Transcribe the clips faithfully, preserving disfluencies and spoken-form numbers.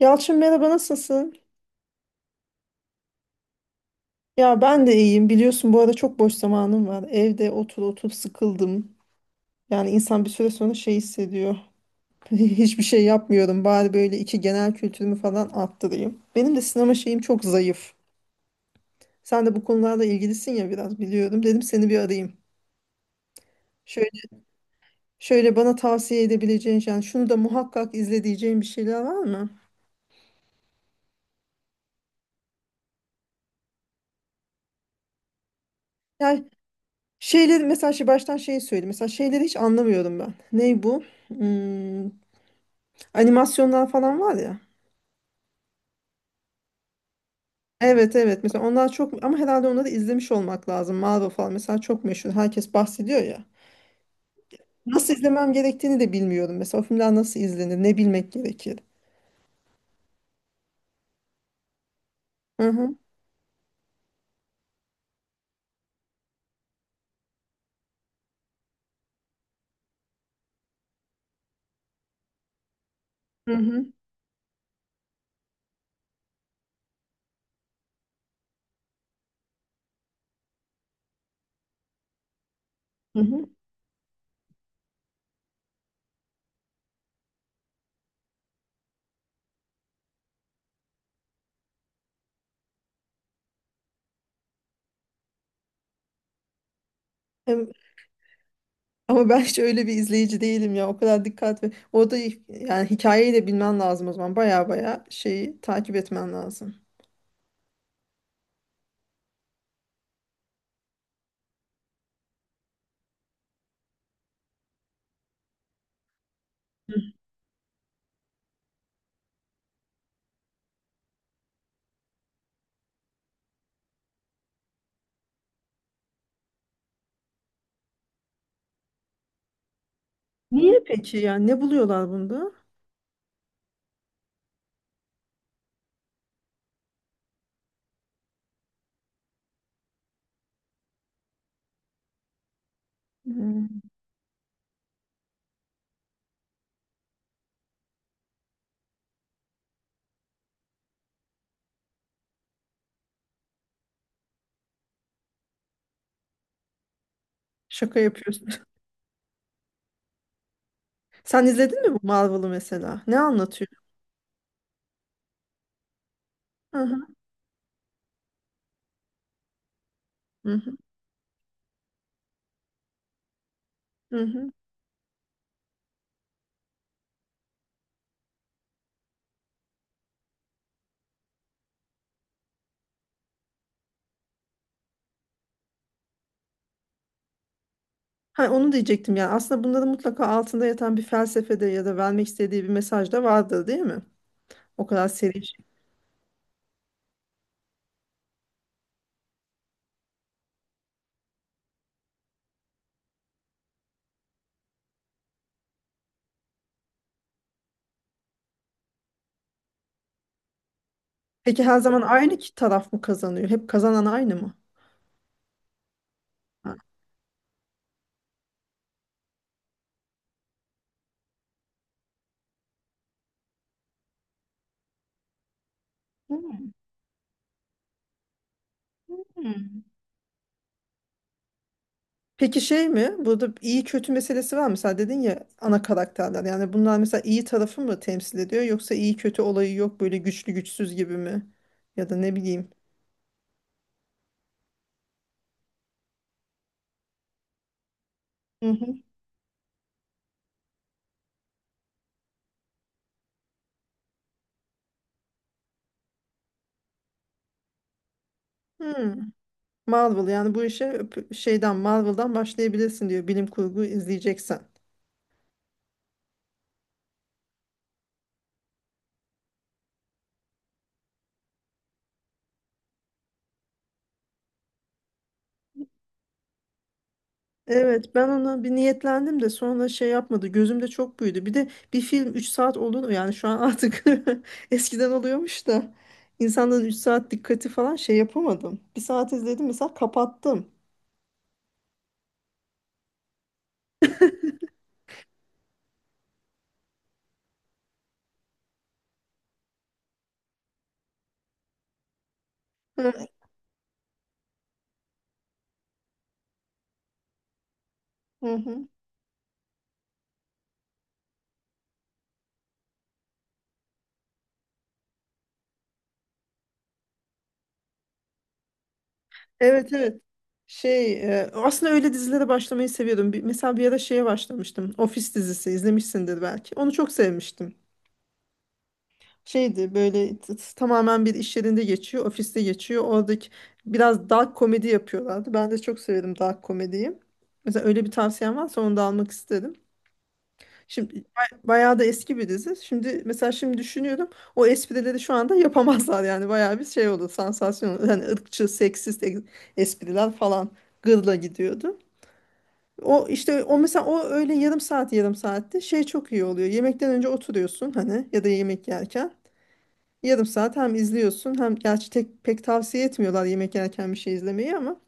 Yalçın, merhaba, nasılsın? Ya ben de iyiyim. Biliyorsun, bu arada çok boş zamanım var. Evde otur otur sıkıldım. Yani insan bir süre sonra şey hissediyor. Hiçbir şey yapmıyorum. Bari böyle iki genel kültürümü falan arttırayım. Benim de sinema şeyim çok zayıf. Sen de bu konularla ilgilisin ya, biraz biliyorum. Dedim, seni bir arayayım. Şöyle şöyle bana tavsiye edebileceğin, yani şunu da muhakkak izle diyeceğin bir şeyler var mı? Yani şeyleri mesela şey, baştan şeyi söyleyeyim. Mesela şeyleri hiç anlamıyorum ben. Ney bu? Hmm, Animasyonlar falan var ya. Evet evet mesela onlar çok ama herhalde onları izlemiş olmak lazım. Marvel falan mesela çok meşhur. Herkes bahsediyor ya. Nasıl izlemem gerektiğini de bilmiyorum. Mesela o filmler nasıl izlenir? Ne bilmek gerekir? Hı hı. Hı hı. Hı hı. Hem- Ama ben hiç öyle bir izleyici değilim ya. O kadar dikkat ve orada hi- yani hikayeyi de bilmen lazım o zaman. Baya baya şeyi takip etmen lazım. Hı. Niye peki, yani ne buluyorlar bunda? Hmm, Şaka yapıyorsun. Sen izledin mi bu Marvel'ı mesela? Ne anlatıyor? Hı hı. Hı hı. Hı hı. Ha, onu diyecektim, yani aslında bunda da mutlaka altında yatan bir felsefede ya da vermek istediği bir mesaj da vardır değil mi? O kadar seri. Şey. Peki her zaman aynı ki taraf mı kazanıyor? Hep kazanan aynı mı? Ha. Hı. Peki şey mi? Burada iyi kötü meselesi var mı? Sen dedin ya, ana karakterler. Yani bunlar mesela iyi tarafı mı temsil ediyor, yoksa iyi kötü olayı yok, böyle güçlü güçsüz gibi mi? Ya da ne bileyim. Hı hı. Hmm. Marvel, yani bu işe p- şeyden, Marvel'dan başlayabilirsin diyor, bilim kurgu izleyeceksen. Evet, ben ona bir niyetlendim de sonra şey yapmadı, gözümde çok büyüdü. Bir de bir film üç saat olur mu yani şu an artık eskiden oluyormuş da insanların üç saat dikkati falan şey yapamadım, bir saat izledim mesela, kapattım. Hı, hı hı. Evet, evet, şey, e, aslında öyle dizilere başlamayı seviyordum. Bir- mesela bir ara şeye başlamıştım, Office dizisi, izlemişsindir belki, onu çok sevmiştim. Şeydi böyle t- t- tamamen bir iş yerinde geçiyor, ofiste geçiyor. Oradaki biraz dark komedi yapıyorlardı. Ben de çok severim dark komediyi. Mesela öyle bir tavsiyen varsa onu da almak isterim. Şimdi bay- bayağı da eski bir dizi. Şimdi mesela, şimdi düşünüyorum, o esprileri şu anda yapamazlar, yani bayağı bir şey olur, sansasyon olur. Hani ırkçı, seksist e- espriler falan gırla gidiyordu. O işte, o mesela o öyle yarım saat, yarım saatte şey çok iyi oluyor. Yemekten önce oturuyorsun hani, ya da yemek yerken. Yarım saat hem izliyorsun, hem gerçi tek, pek tavsiye etmiyorlar yemek yerken bir şey izlemeyi ama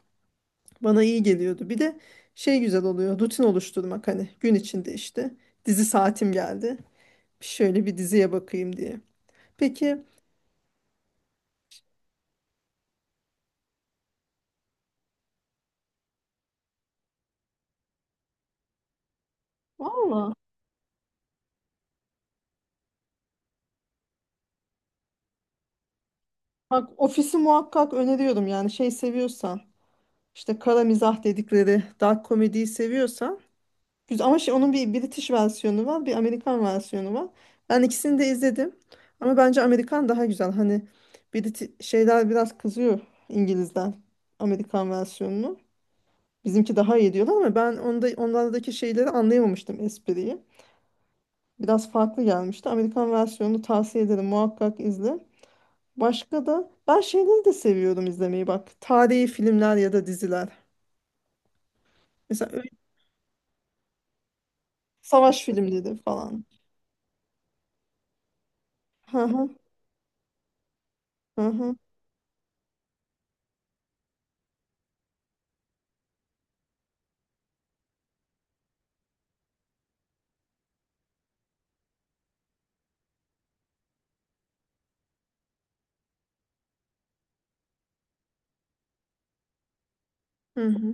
bana iyi geliyordu. Bir de şey güzel oluyor, rutin oluşturmak, hani gün içinde işte dizi saatim geldi, şöyle bir diziye bakayım diye. Peki. Valla, bak, ofisi muhakkak öneriyorum, yani şey seviyorsan, işte kara mizah dedikleri dark komediyi seviyorsan. Güzel. Ama şey, onun bir British versiyonu var, bir Amerikan versiyonu var. Ben ikisini de izledim. Ama bence Amerikan daha güzel. Hani Briti şeyler biraz kızıyor, İngiliz'den Amerikan versiyonunu. Bizimki daha iyi diyorlar ama ben onda onlardaki şeyleri anlayamamıştım, espriyi. Biraz farklı gelmişti. Amerikan versiyonunu tavsiye ederim. Muhakkak izle. Başka da ben şeyleri de seviyorum izlemeyi, bak. Tarihi filmler ya da diziler. Mesela öyle savaş filmleri falan. Hı hı, hı hı. Hı hı.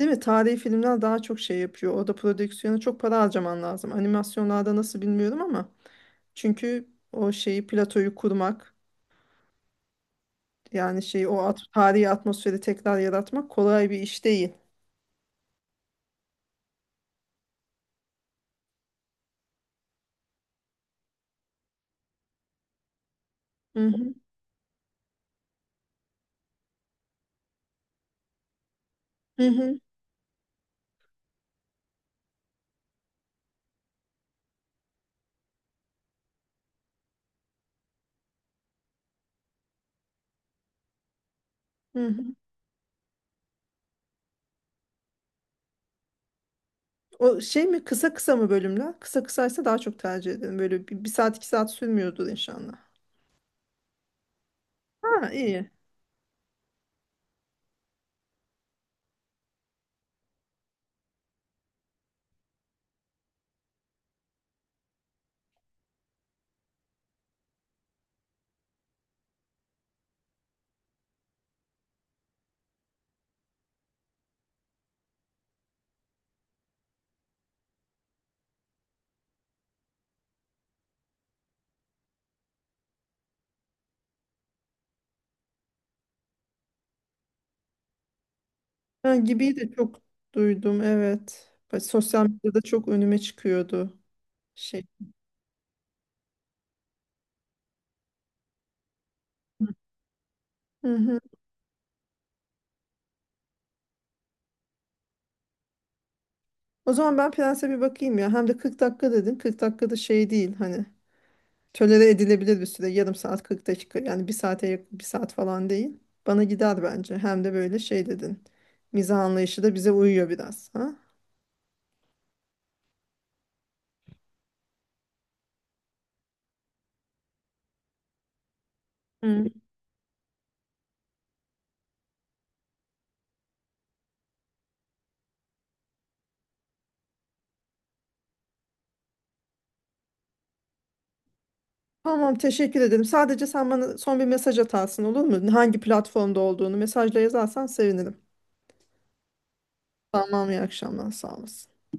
Değil mi? Tarihi filmler daha çok şey yapıyor. Orada prodüksiyona çok para harcaman lazım. Animasyonlarda nasıl bilmiyorum ama. Çünkü o şeyi, platoyu kurmak, yani şeyi, o at tarihi atmosferi tekrar yaratmak kolay bir iş değil. Hı hı. Hı hı. Hı hı. O şey mi, kısa kısa mı bölümler? Kısa kısaysa daha çok tercih ederim. Böyle bir, bir saat iki saat sürmüyordur inşallah. Ha, iyi. Ha, gibi de çok duydum, evet. Bak, sosyal medyada çok önüme çıkıyordu şey. Hı hı. O zaman ben Prens'e bir bakayım ya. Hem de kırk dakika dedin. kırk dakikada şey değil hani. Tolere edilebilir bir süre. Yarım saat, kırk dakika. Yani bir saate yakın, bir saat falan değil. Bana gider bence. Hem de böyle şey dedin, mizah anlayışı da bize uyuyor biraz. Ha? Hı. Tamam, teşekkür ederim. Sadece sen bana son bir mesaj atarsın, olur mu? Hangi platformda olduğunu mesajla yazarsan sevinirim. Tamam, iyi akşamlar, sağ olasın.